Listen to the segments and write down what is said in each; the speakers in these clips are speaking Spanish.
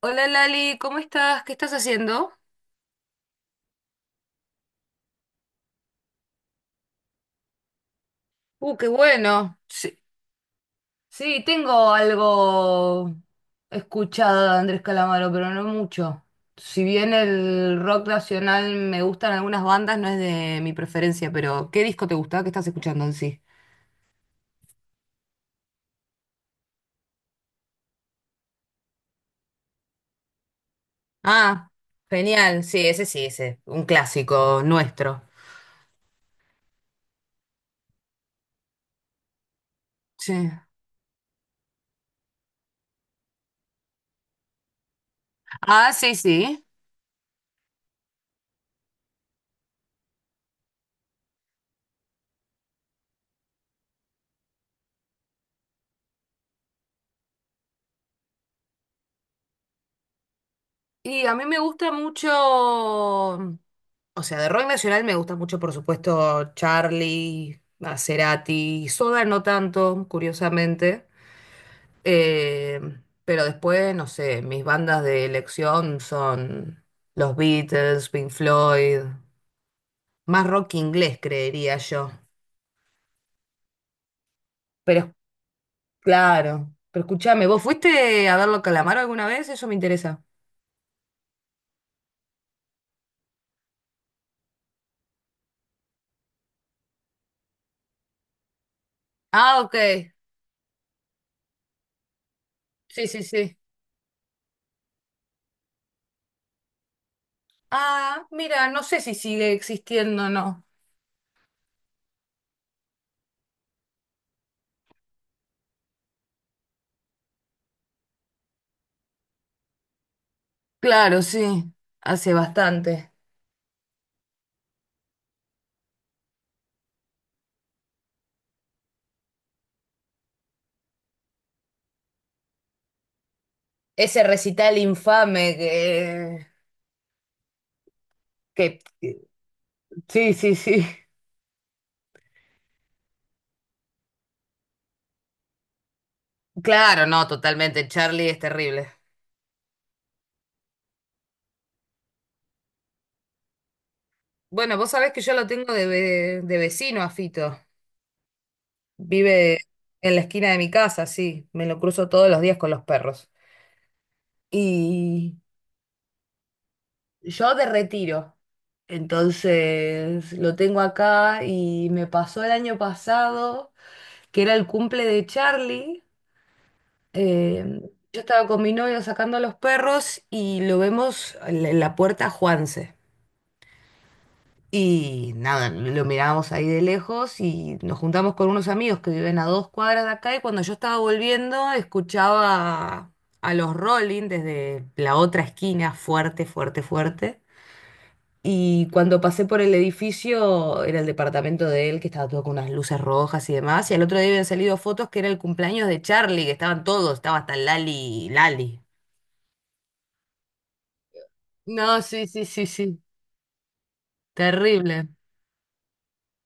Hola Lali, ¿cómo estás? ¿Qué estás haciendo? Qué bueno. Sí, sí, tengo algo escuchado de Andrés Calamaro, pero no mucho. Si bien el rock nacional me gustan algunas bandas, no es de mi preferencia, pero ¿qué disco te gusta? ¿Qué estás escuchando en sí? Ah, genial. Sí, ese sí, ese. Un clásico nuestro. Sí. Ah, sí, sí. Y a mí me gusta mucho, o sea, de rock nacional me gusta mucho, por supuesto, Charlie, a Cerati, Soda no tanto, curiosamente. Eh, pero después, no sé, mis bandas de elección son los Beatles, Pink Floyd, más rock inglés, creería yo. Pero claro, pero escúchame, ¿vos fuiste a verlo a Calamaro alguna vez? Eso me interesa. Ah, ok. Sí, sí, sí. Ah, mira, no sé si sigue existiendo o no. Claro, sí, hace bastante. Ese recital infame que. Sí, sí, sí. Claro, no, totalmente. Charlie es terrible. Bueno, vos sabés que yo lo tengo de, de vecino a Fito. Vive en la esquina de mi casa, sí. Me lo cruzo todos los días con los perros. Y yo de retiro. Entonces, lo tengo acá y me pasó el año pasado, que era el cumple de Charlie. eh, yo estaba con mi novio sacando a los perros y lo vemos en la puerta a Juanse. Y nada, lo mirábamos ahí de lejos y nos juntamos con unos amigos que viven a 2 cuadras de acá y cuando yo estaba volviendo escuchaba a los Rolling desde la otra esquina, fuerte, fuerte, fuerte. Y cuando pasé por el edificio, era el departamento de él, que estaba todo con unas luces rojas y demás. Y al otro día habían salido fotos que era el cumpleaños de Charlie, que estaban todos, estaba hasta Lali, Lali. No, sí, sí, sí, sí. Terrible.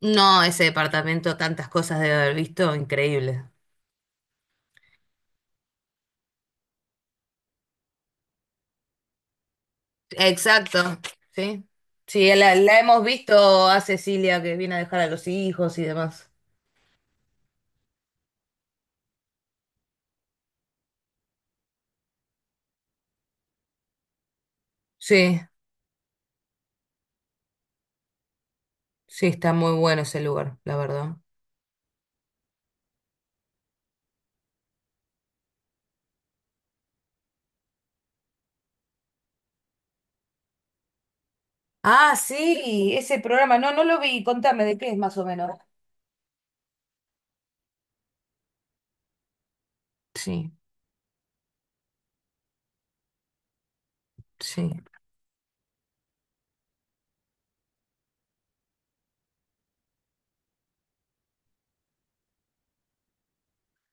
No, ese departamento, tantas cosas debe haber visto, increíble. Exacto, sí. Sí, la hemos visto a Cecilia que viene a dejar a los hijos y demás. Sí, sí, está muy bueno ese lugar, la verdad. Ah, sí, ese programa. No, no lo vi. Contame de qué es más o menos. Sí, sí.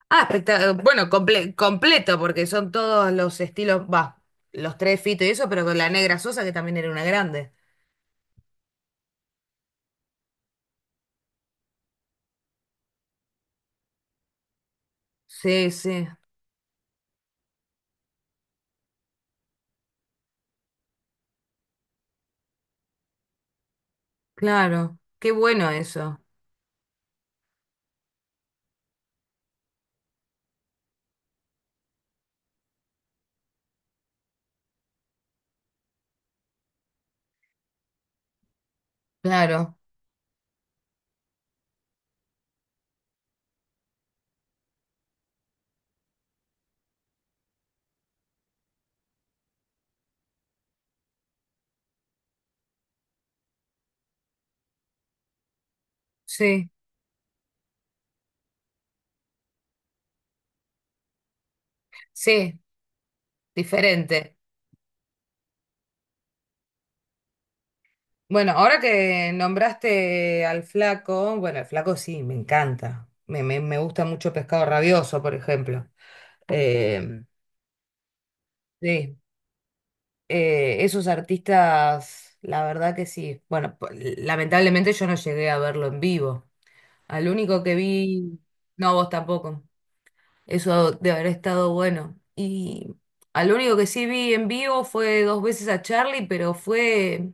Ah, bueno, completo, porque son todos los estilos, va, los tres Fito y eso, pero con la negra Sosa, que también era una grande. Sí, sí, claro. Qué bueno eso. Claro, sí, sí, diferente. Bueno, ahora que nombraste al flaco, bueno, el flaco sí, me encanta. Me gusta mucho Pescado Rabioso, por ejemplo. Eh, sí. Esos artistas, la verdad que sí. Bueno, lamentablemente yo no llegué a verlo en vivo. Al único que vi, no, vos tampoco. Eso de haber estado bueno. Y al único que sí vi en vivo fue dos veces a Charlie, pero fue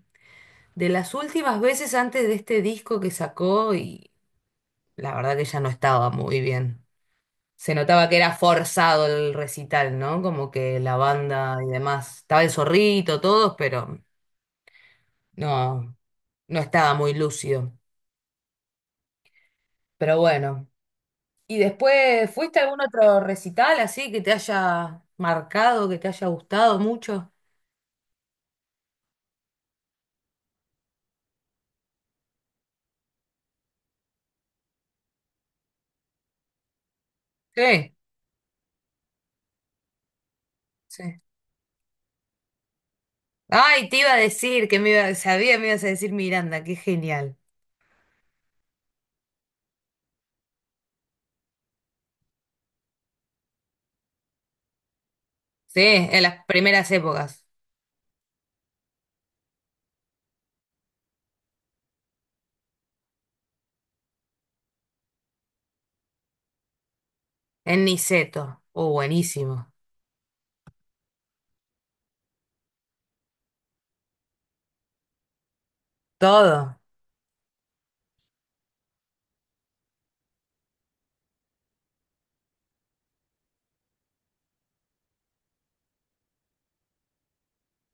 de las últimas veces antes de este disco que sacó y la verdad que ya no estaba muy bien. Se notaba que era forzado el recital, ¿no? Como que la banda y demás. Estaba el zorrito, todos, pero... No, no estaba muy lúcido. Pero bueno. ¿Y después fuiste a algún otro recital así que te haya marcado, que te haya gustado mucho? Sí, sí. Ay, te iba a decir que me iba, sabía, que me ibas a decir Miranda, qué genial. Sí, en las primeras épocas. En Niceto. Oh, buenísimo. Todo.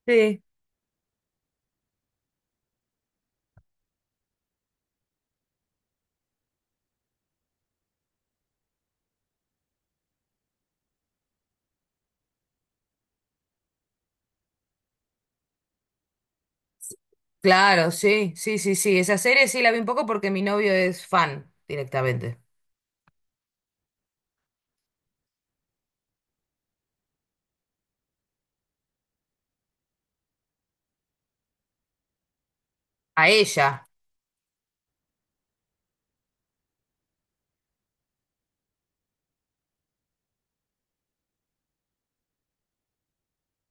Sí. Claro, sí, sí, sí, sí. Esa serie sí la vi un poco porque mi novio es fan directamente. A ella.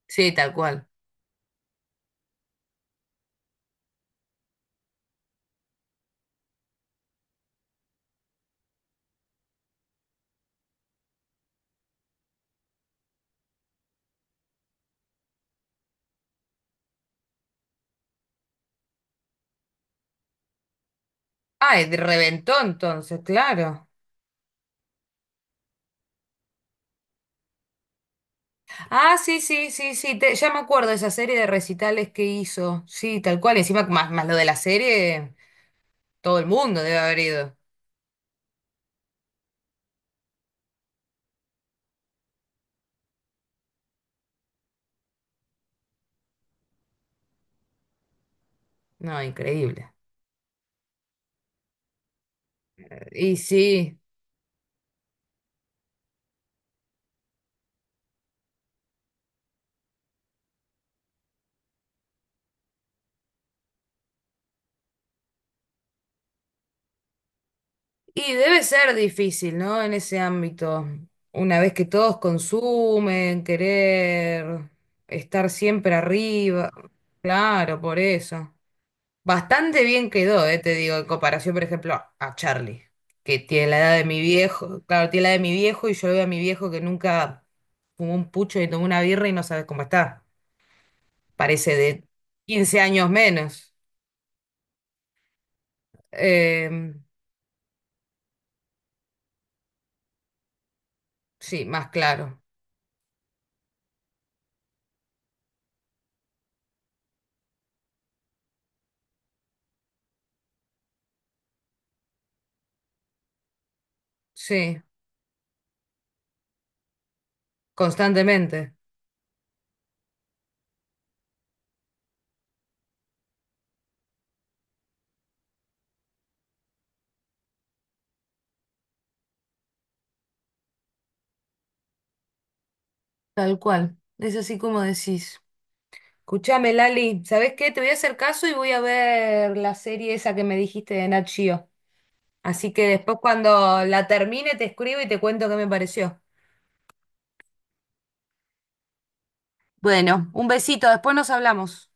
Sí, tal cual. Ay, reventó entonces, claro. Ah, sí, sí, sí, sí, ya me acuerdo de esa serie de recitales que hizo. Sí, tal cual. Encima, más, más lo de la serie, todo el mundo debe haber ido. No, increíble. Y sí, y debe ser difícil, ¿no? En ese ámbito. Una vez que todos consumen, querer estar siempre arriba. Claro, por eso. Bastante bien quedó, te digo, en comparación, por ejemplo, a Charlie, que tiene la edad de mi viejo, claro, tiene la edad de mi viejo y yo veo a mi viejo que nunca fumó un pucho ni tomó una birra y no sabes cómo está. Parece de 15 años menos. Eh, sí, más claro. Sí, constantemente. Tal cual. Es así como decís. Escuchame, Lali, ¿sabés qué? Te voy a hacer caso y voy a ver la serie esa que me dijiste de Nat Geo. Así que después cuando la termine te escribo y te cuento qué me pareció. Bueno, un besito, después nos hablamos.